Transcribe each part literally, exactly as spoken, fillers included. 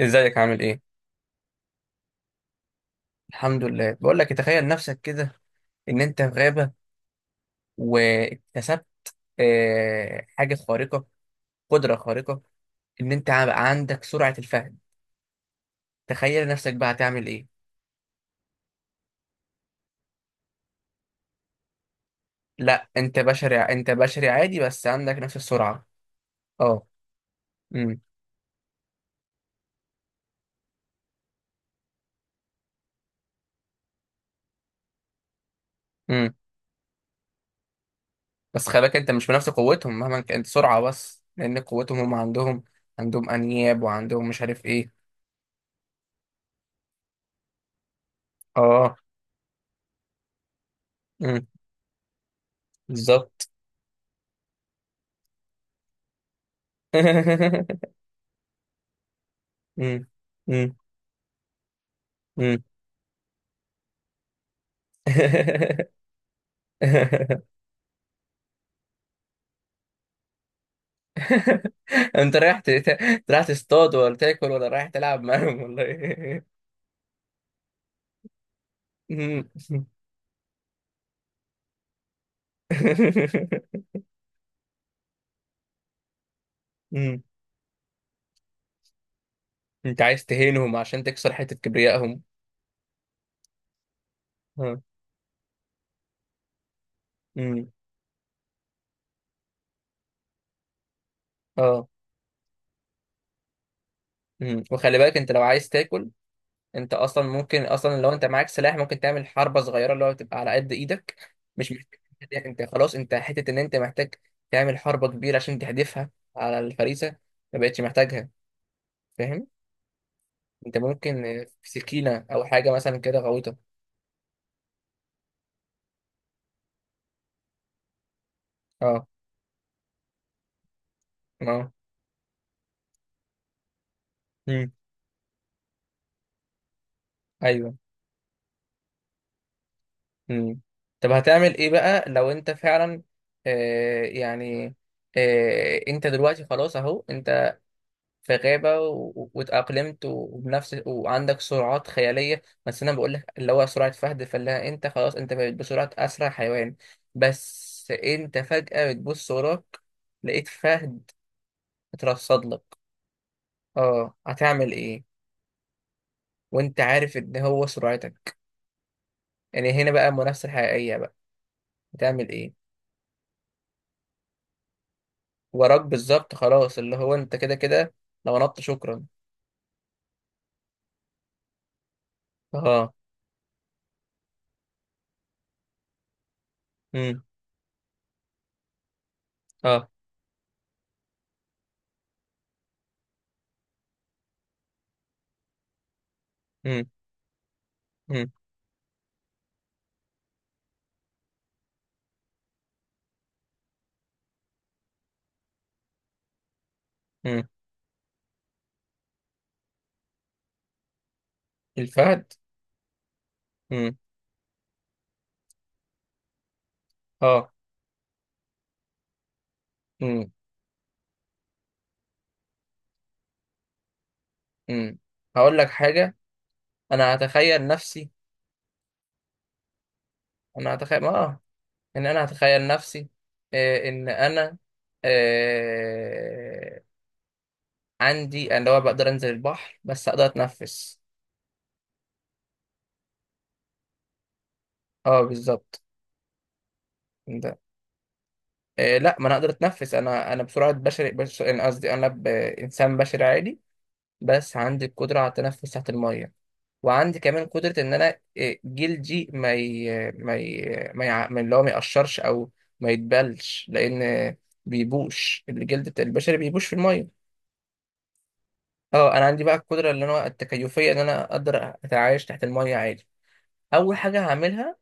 ازيك عامل ايه؟ الحمد لله. بقول لك تخيل نفسك كده ان انت في غابة واكتسبت آه، حاجة خارقة، قدرة خارقة، ان انت بقى عندك سرعة الفهم. تخيل نفسك بقى هتعمل ايه؟ لا، انت بشري، انت بشري عادي بس عندك نفس السرعة. اه. امم. امم. بس خلي بالك، انت مش بنفس قوتهم مهما كانت سرعة، بس لان قوتهم هم عندهم عندهم انياب وعندهم مش عارف ايه. اه، اه، امم. بالظبط. امم. امم. امم. انت رايح ت- ت- رايح تصطاد ولا تاكل ولا رايح تلعب معاهم ولا ايه؟ مم. مم. انت عايز تهينهم عشان تكسر حتة كبريائهم. ها. مم. اه. مم. وخلي بالك انت لو عايز تاكل، انت اصلا ممكن، اصلا لو انت معاك سلاح ممكن تعمل حربة صغيرة اللي هو تبقى على قد ايدك، مش محتاج انت خلاص، انت حتة ان انت محتاج تعمل حربة كبيرة عشان تحدفها على الفريسة، ما بقتش محتاجها. فاهم؟ انت ممكن آه، في سكينة او حاجة مثلا كده غويطة. اه. اه. امم. ايوه. امم. طب هتعمل ايه بقى لو انت فعلا آه يعني آه انت دلوقتي خلاص، اهو انت في غابة و- واتأقلمت وبنفس وعندك سرعات خيالية، بس انا بقول لك اللي هو سرعة فهد فلاحة، انت خلاص انت بقيت بسرعة اسرع حيوان. بس انت فجأة بتبص وراك، لقيت فهد اترصد لك. اه، هتعمل ايه؟ وانت عارف ان هو سرعتك. يعني هنا بقى المنافسة الحقيقية بقى. بتعمل ايه؟ وراك بالظبط، خلاص، اللي هو انت كده كده لو نط شكرا. اه. امم. اه. امم. امم. امم. الفهد. امم. اه. امم. امم. هقول لك حاجة، انا هتخيل نفسي، انا هتخيل اه ان انا هتخيل نفسي، آه ان انا آه عندي اللي هو بقدر انزل البحر بس اقدر اتنفس. اه، بالظبط. انت آه، لا، ما انا اقدر اتنفس. انا انا بسرعه بشري، بشري، أنا قصدي انا ب- انسان بشري عادي، بس عندي القدره على التنفس تحت الميه، وعندي كمان قدره ان انا آه، جلدي ما ي... ما ي... ما يع... ما اللي هو ما يقشرش او ما يتبلش، لان آه، بيبوش، الجلد بتاع البشري بيبوش في الميه. اه، انا عندي بقى القدره اللي انا التكيفيه ان انا اقدر اتعايش تحت الميه عادي. اول حاجه هعملها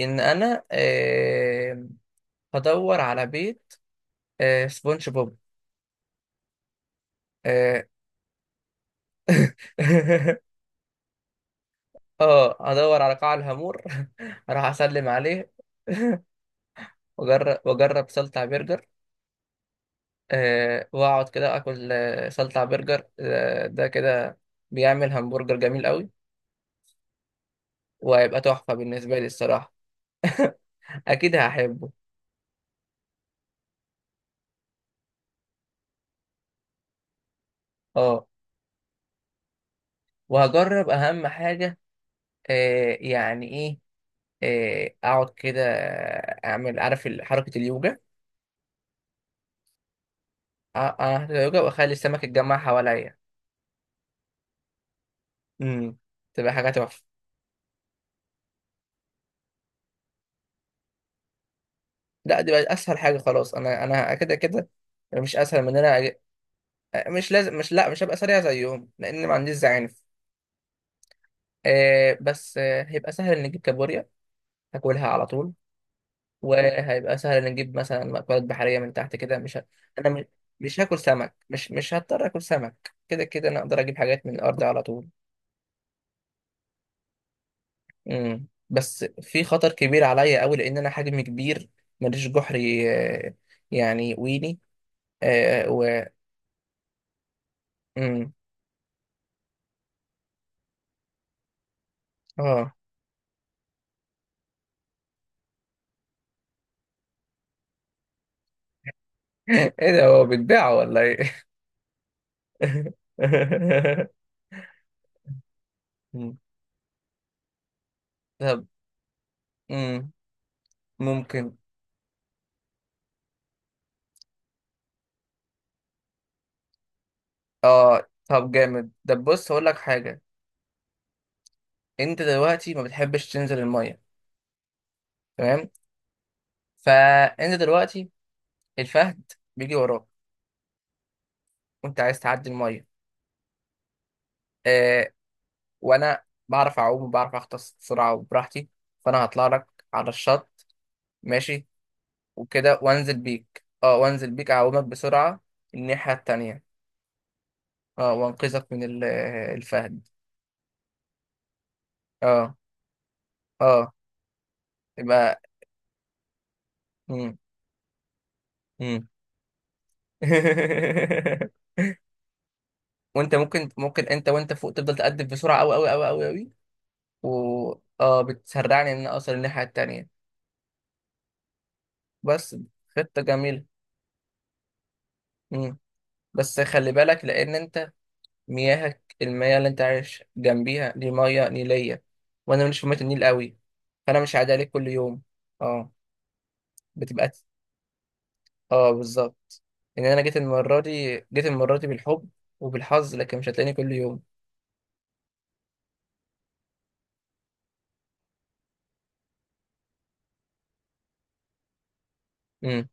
ان انا آه، هدور على بيت آه، سبونج بوب. آه، اه، هدور على قاع الهامور. راح اسلم عليه. واجرب واجرب سلطع برجر. أه، واقعد كده اكل آه، سلطع برجر، آه، ده كده بيعمل همبرجر جميل قوي، وهيبقى تحفة بالنسبة لي الصراحة. اكيد هحبه. اه، وهجرب اهم حاجة. أه يعني ايه؟ آه، اقعد كده، اعمل عارف ال- حركة اليوجا. أ- أعمل حركة اليوجا واخلي السمك يتجمع حواليا. امم. تبقى حاجة تحفة. لا، دي بقت اسهل حاجه، خلاص، انا انا كده كده مش اسهل من إن انا أج- مش لازم، مش، لا، مش هبقى سريع زيهم لان ما عنديش زعانف. آه بس آه هيبقى سهل ان نجيب كابوريا، هاكلها على طول. وهيبقى سهل ان نجيب مثلا مأكولات بحريه من تحت كده. مش ه... انا م- مش هاكل سمك، مش مش هضطر اكل سمك، كده كده انا اقدر اجيب حاجات من الارض على طول. امم. بس في خطر كبير عليا قوي لان انا حجمي كبير، ماليش جحري. آه، يعني ويني. آه و امم اه. ايه ده، هو بيتباع ولا ايه؟ مم. طب. مم. ممكن. اه، طب جامد، طب بص، هقول لك حاجه. انت دلوقتي ما بتحبش تنزل الميه، تمام؟ فانت دلوقتي، الفهد بيجي وراك، وانت عايز تعدي الميه. آه، وانا بعرف اعوم وبعرف اغطس بسرعه وبراحتي، فانا هطلع لك على الشط. ماشي؟ وكده، وانزل بيك، اه، وانزل بيك اعومك بسرعه الناحيه التانيه، اه، وانقذك من ال- الفهد. اه. اه. يبقى. مم. مم. وانت ممكن، ممكن انت وانت فوق، تفضل تقدم بسرعه قوي قوي قوي قوي قوي، و اه بتسرعني ان أنا اوصل الناحيه التانيه. بس خطه جميله. مم. بس خلي بالك لان انت، مياهك، المياه اللي انت عايش جنبيها دي مياه نيليه، وانا ماليش في مياه النيل قوي. فانا مش عادي عليك كل يوم. اه، بتبقى، اه، بالظبط، ان انا جيت المره دي، جيت المره دي بالحب وبالحظ، لكن مش هتلاقيني كل يوم. مم.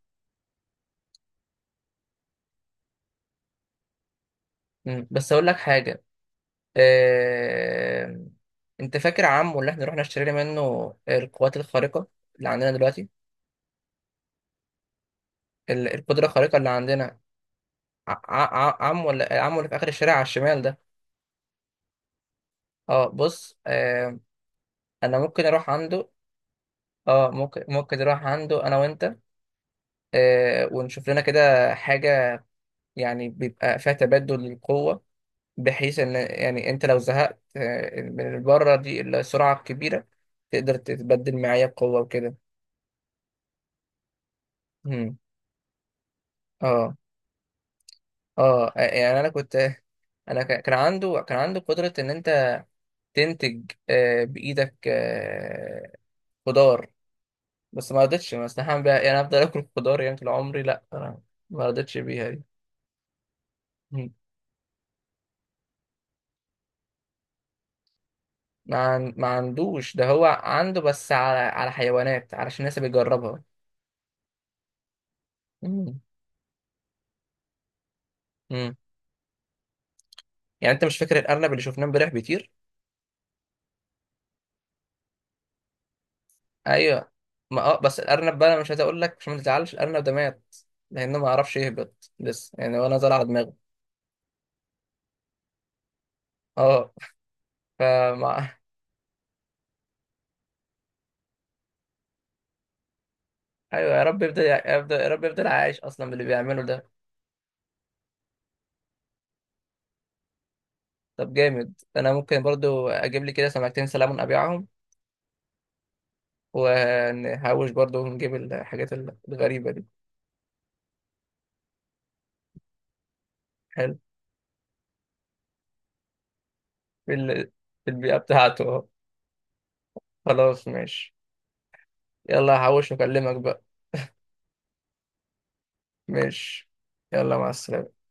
مم. بس اقول لك حاجه. آه... انت فاكر عمو اللي احنا رحنا اشترينا منه القوات الخارقه اللي عندنا دلوقتي؟ ال- القدره الخارقه اللي عندنا، ع... ع... ع- عمو اللي... عمو اللي في اخر الشارع على الشمال ده. اه، بص، آه... انا ممكن اروح عنده. اه، ممكن، ممكن نروح عنده انا وانت، آه... ونشوف لنا كده حاجه، يعني بيبقى فيها تبادل للقوه، بحيث ان يعني انت لو زهقت آه، من البره دي السرعه الكبيره، تقدر تتبدل معايا بقوه وكده. اه. اه يعني انا كنت، انا ك- كان عنده كان عنده قدرة ان انت تنتج آه، بايدك آه، خضار. بس ما رضيتش، ما استحمل بيها، يعني افضل اكل خضار يعني طول عمري؟ لا، انا ما رضيتش بيها دي. مم. ما عن- ما عندوش، ده هو عنده بس على على حيوانات، علشان الناس بيجربها. مم. مم. يعني انت مش فاكر الارنب اللي شفناه امبارح بيطير؟ ايوه. ما اه، بس الارنب بقى، انا مش عايز اقول لك عشان ما تزعلش، الارنب ده مات لانه ما عرفش يهبط لسه يعني، وانا زرع دماغه. اه. فما ايوه، يا رب يفضل، يفضل، يا رب يفضل عايش اصلا باللي بيعمله ده. طب جامد، انا ممكن برضو اجيب لي كده سمكتين سلمون ابيعهم، ونحوش برضو ونجيب الحاجات الغريبه دي. حلو. في ال- في البيئه بتاعته أهو. خلاص، ماشي. يلا، هحوش واكلمك بقى. ماشي. يلا، مع السلامه.